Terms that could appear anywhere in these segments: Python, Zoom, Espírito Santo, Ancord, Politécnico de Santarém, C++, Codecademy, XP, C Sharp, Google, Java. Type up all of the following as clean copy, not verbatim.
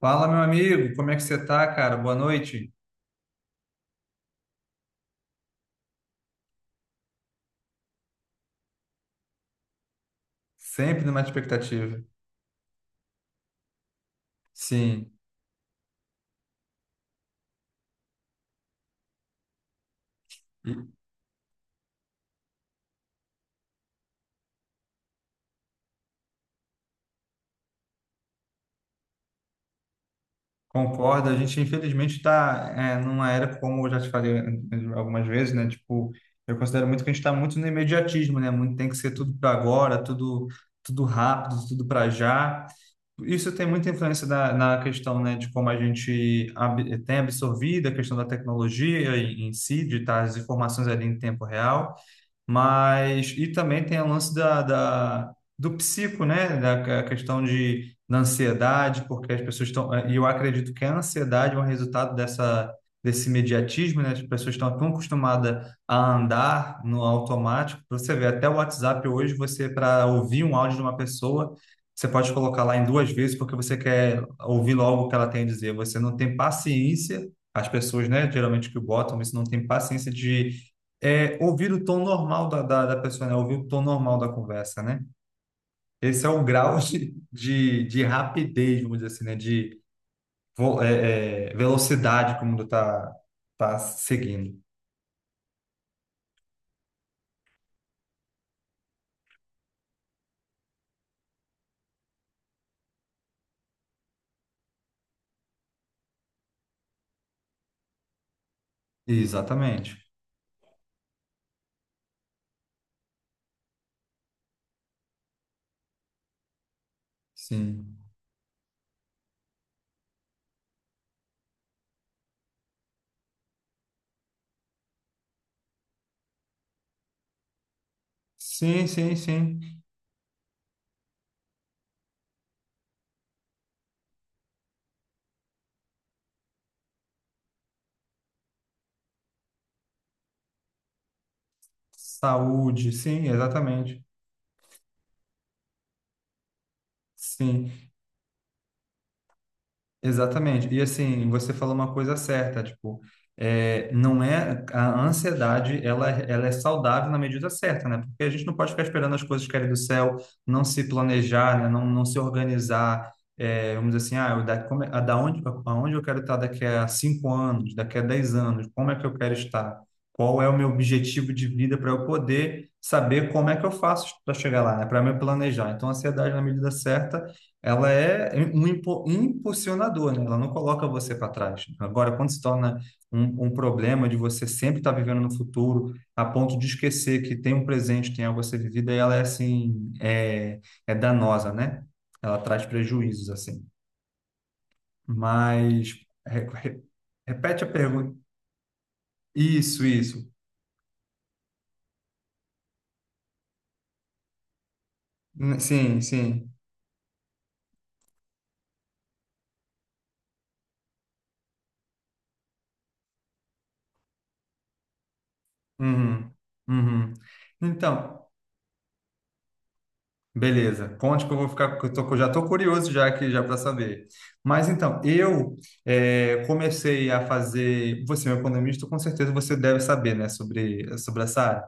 Fala, meu amigo, como é que você tá, cara? Boa noite. Sempre numa expectativa. Sim, e concordo. A gente, infelizmente, está numa era, como eu já te falei algumas vezes, né? Tipo, eu considero muito que a gente está muito no imediatismo, né? Muito, tem que ser tudo para agora, tudo, tudo rápido, tudo para já. Isso tem muita influência na questão, né, de como a gente tem absorvido a questão da tecnologia em si, de estar as informações ali em tempo real. Mas, e também tem o lance do psico, né? A questão da ansiedade, porque as pessoas estão. E eu acredito que a ansiedade é um resultado desse imediatismo, né? As pessoas estão tão acostumadas a andar no automático. Você vê, até o WhatsApp hoje, você, para ouvir um áudio de uma pessoa, você pode colocar lá em duas vezes, porque você quer ouvir logo o que ela tem a dizer. Você não tem paciência, as pessoas, né? Geralmente que botam isso, não tem paciência de ouvir o tom normal da pessoa, né? Ouvir o tom normal da conversa, né? Esse é o grau de rapidez, vamos dizer assim, né? De velocidade que o mundo está tá seguindo. Exatamente. Sim. Sim, sim, sim. Saúde, sim, exatamente. Sim. Exatamente. E assim, você falou uma coisa certa, tipo, não é a ansiedade, ela, ela é saudável na medida certa, né? Porque a gente não pode ficar esperando as coisas caírem do céu, não se planejar, né? Não se organizar, é, vamos dizer assim, ah, eu da, como, é- a, da onde, aonde eu quero estar daqui a 5 anos, daqui a 10 anos, como é que eu quero estar? Qual é o meu objetivo de vida para eu poder saber como é que eu faço para chegar lá, né? Para me planejar. Então, a ansiedade na medida certa ela é um impulsionador, né? Ela não coloca você para trás. Agora, quando se torna um problema de você sempre estar vivendo no futuro, a ponto de esquecer que tem um presente, tem algo a ser vivido, aí ela é assim, é danosa, né? Ela traz prejuízos, assim. Mas, re- re- repete a pergunta. Isso, isso. Sim, sim. Uhum, uhum. Então, beleza, conte que eu vou ficar, que eu que eu já estou curioso já aqui já para saber. Mas então, eu comecei a fazer, você é um economista, com certeza você deve saber, né, sobre essa área.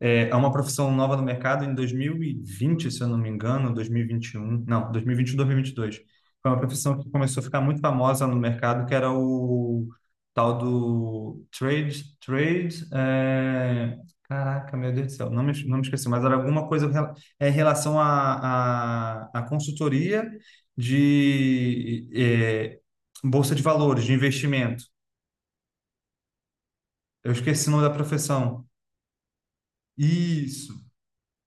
É uma profissão nova no mercado em 2020, se eu não me engano, 2021, não, 2021, 2022. Foi uma profissão que começou a ficar muito famosa no mercado, que era o tal do trade, é, caraca, meu Deus do céu, não me esqueci, mas era alguma coisa em relação à à consultoria de é, bolsa de valores, de investimento. Eu esqueci o nome da profissão. Isso.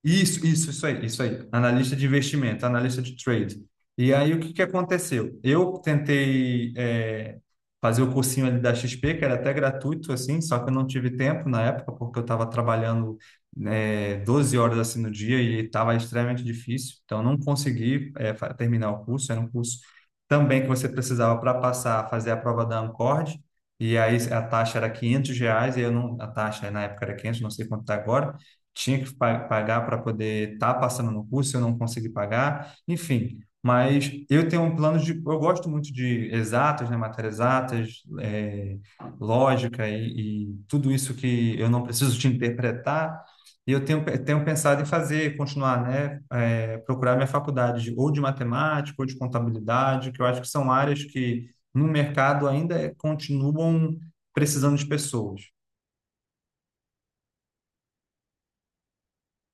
Isso aí. Analista de investimento, analista de trade. E aí, o que que aconteceu? Eu tentei fazer o cursinho ali da XP, que era até gratuito, assim, só que eu não tive tempo na época, porque eu estava trabalhando né, 12 horas assim no dia e estava extremamente difícil. Então, eu não consegui terminar o curso. Era um curso também que você precisava para passar, fazer a prova da Ancord. E aí, a taxa era R$ 500, e eu não, a taxa na época era 500, não sei quanto está agora, tinha que pagar para poder estar passando no curso, eu não consegui pagar, enfim. Mas eu tenho um plano de. Eu gosto muito de exatas, né, matérias exatas, é, lógica e tudo isso que eu não preciso de interpretar. E eu tenho pensado em fazer, continuar, né, é, procurar minha faculdade ou de matemática ou de contabilidade, que eu acho que são áreas que no mercado continuam precisando de pessoas,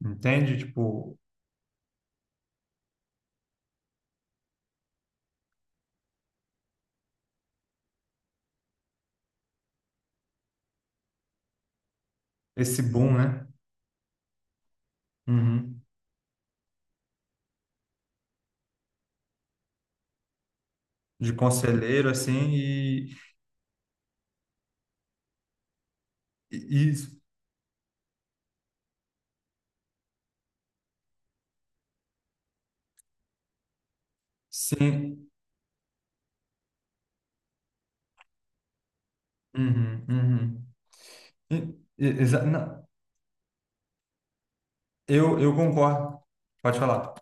entende? Tipo, esse boom, né? Uhum. De conselheiro, assim, e sim. Uhum, uhum. E- não, eu concordo. Pode falar.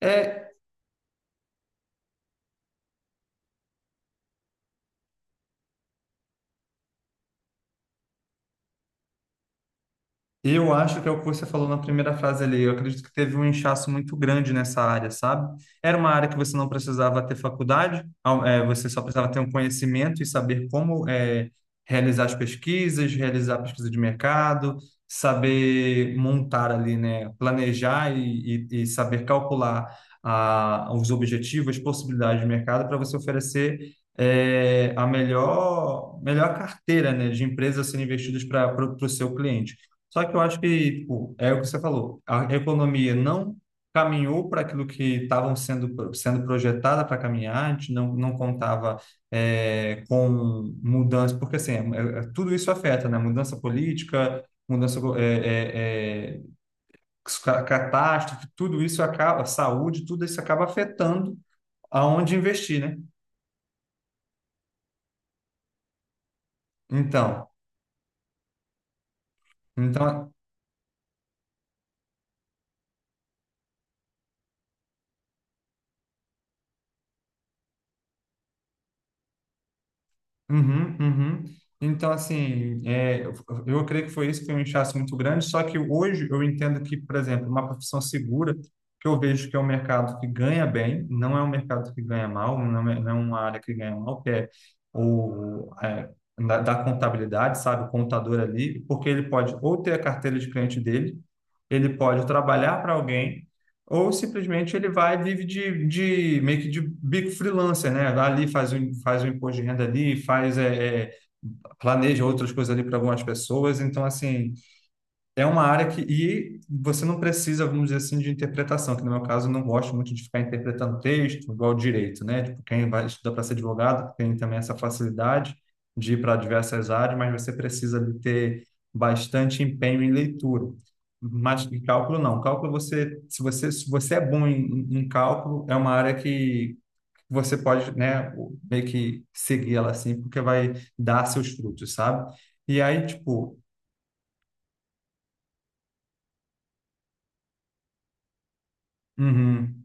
É, e eu acho que é o que você falou na primeira frase ali. Eu acredito que teve um inchaço muito grande nessa área, sabe? Era uma área que você não precisava ter faculdade, você só precisava ter um conhecimento e saber como é, realizar as pesquisas, realizar a pesquisa de mercado, saber montar ali, né? Planejar e saber calcular os objetivos, as possibilidades de mercado para você oferecer é, melhor carteira, né, de empresas a serem investidas para o seu cliente. Só que eu acho que, tipo, é o que você falou, a economia não caminhou para aquilo que estavam sendo projetada para caminhar, a gente não contava com mudança, porque assim, tudo isso afeta, né? Mudança política, mudança, catástrofe, tudo isso acaba, saúde, tudo isso acaba afetando aonde investir, né? Então, então, uhum, uhum. Então, assim, eu creio que foi isso, foi um inchaço muito grande, só que hoje eu entendo que, por exemplo, uma profissão segura, que eu vejo que é um mercado que ganha bem, não é um mercado que ganha mal, não é uma área que ganha mal, que é o, é, da contabilidade, sabe, o contador ali, porque ele pode ou ter a carteira de cliente dele, ele pode trabalhar para alguém, ou simplesmente ele vai e vive de meio que de bico freelancer, né? Vai ali, faz um imposto de renda ali, faz, planeja outras coisas ali para algumas pessoas. Então, assim, é uma área que, e você não precisa, vamos dizer assim, de interpretação, que no meu caso eu não gosto muito de ficar interpretando texto, igual direito, né? Tipo, quem vai estudar para ser advogado tem também essa facilidade de ir para diversas áreas, mas você precisa de ter bastante empenho em leitura. Mas em cálculo não. Cálculo você, se você é bom em cálculo, é uma área que você pode, né, meio que seguir ela assim, porque vai dar seus frutos, sabe? E aí, tipo, uhum,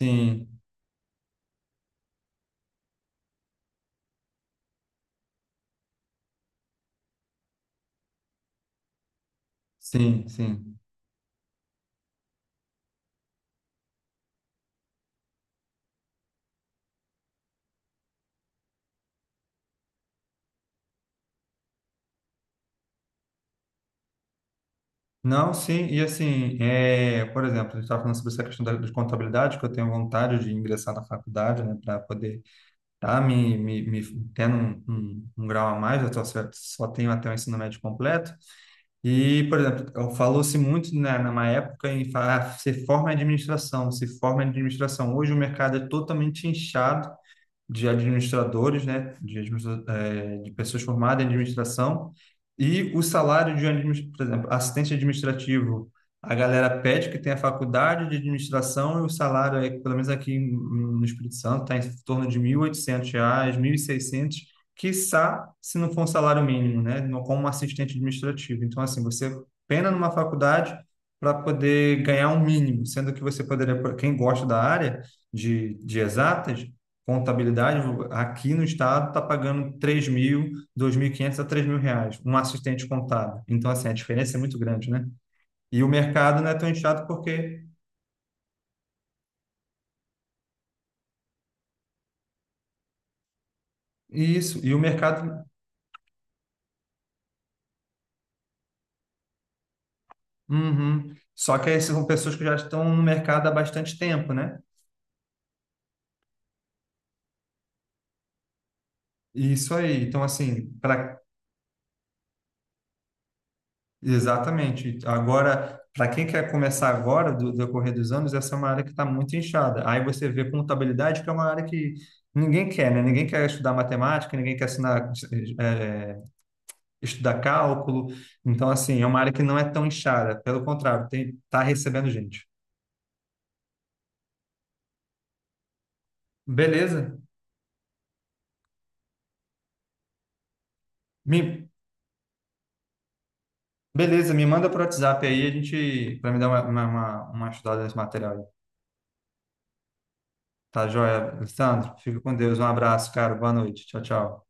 sim. Sim, sim. Não, sim, e assim, é, por exemplo, a gente estava falando sobre essa questão de contabilidade, que eu tenho vontade de ingressar na faculdade, né, para poder estar me tendo um grau a mais, eu só tenho até o ensino médio completo. E, por exemplo, falou-se muito, né, numa época em falar, ah, se forma em administração, se forma em administração. Hoje o mercado é totalmente inchado de administradores, né, de pessoas formadas em administração, e o salário de, por exemplo, assistente administrativo, a galera pede que tenha faculdade de administração e o salário, é, pelo menos no Espírito Santo, está em torno de R$ 1.800, 1.600, quiçá se não for um salário mínimo, né, como assistente administrativo. Então, assim, você pena numa faculdade para poder ganhar um mínimo, sendo que você poderia, quem gosta da área de exatas, contabilidade aqui no estado está pagando 3.000, 2.500 a R$ 3.000, um assistente contábil. Então, assim, a diferença é muito grande, né? E o mercado não é tão inchado porque... Isso, e o mercado... Uhum. Só que aí são pessoas que já estão no mercado há bastante tempo, né? Isso aí. Então, assim, para... Exatamente. Agora, para quem quer começar agora, do decorrer dos anos, essa é uma área que está muito inchada. Aí você vê contabilidade, que é uma área que ninguém quer, né? Ninguém quer estudar matemática, ninguém quer assinar estudar cálculo. Então, assim, é uma área que não é tão inchada. Pelo contrário, tem, tá recebendo gente. Beleza? Me, beleza, me manda pro WhatsApp aí, a gente, para me dar uma estudada nesse material aí. Tá joia, Alessandro? Fica com Deus. Um abraço, cara. Boa noite. Tchau, tchau.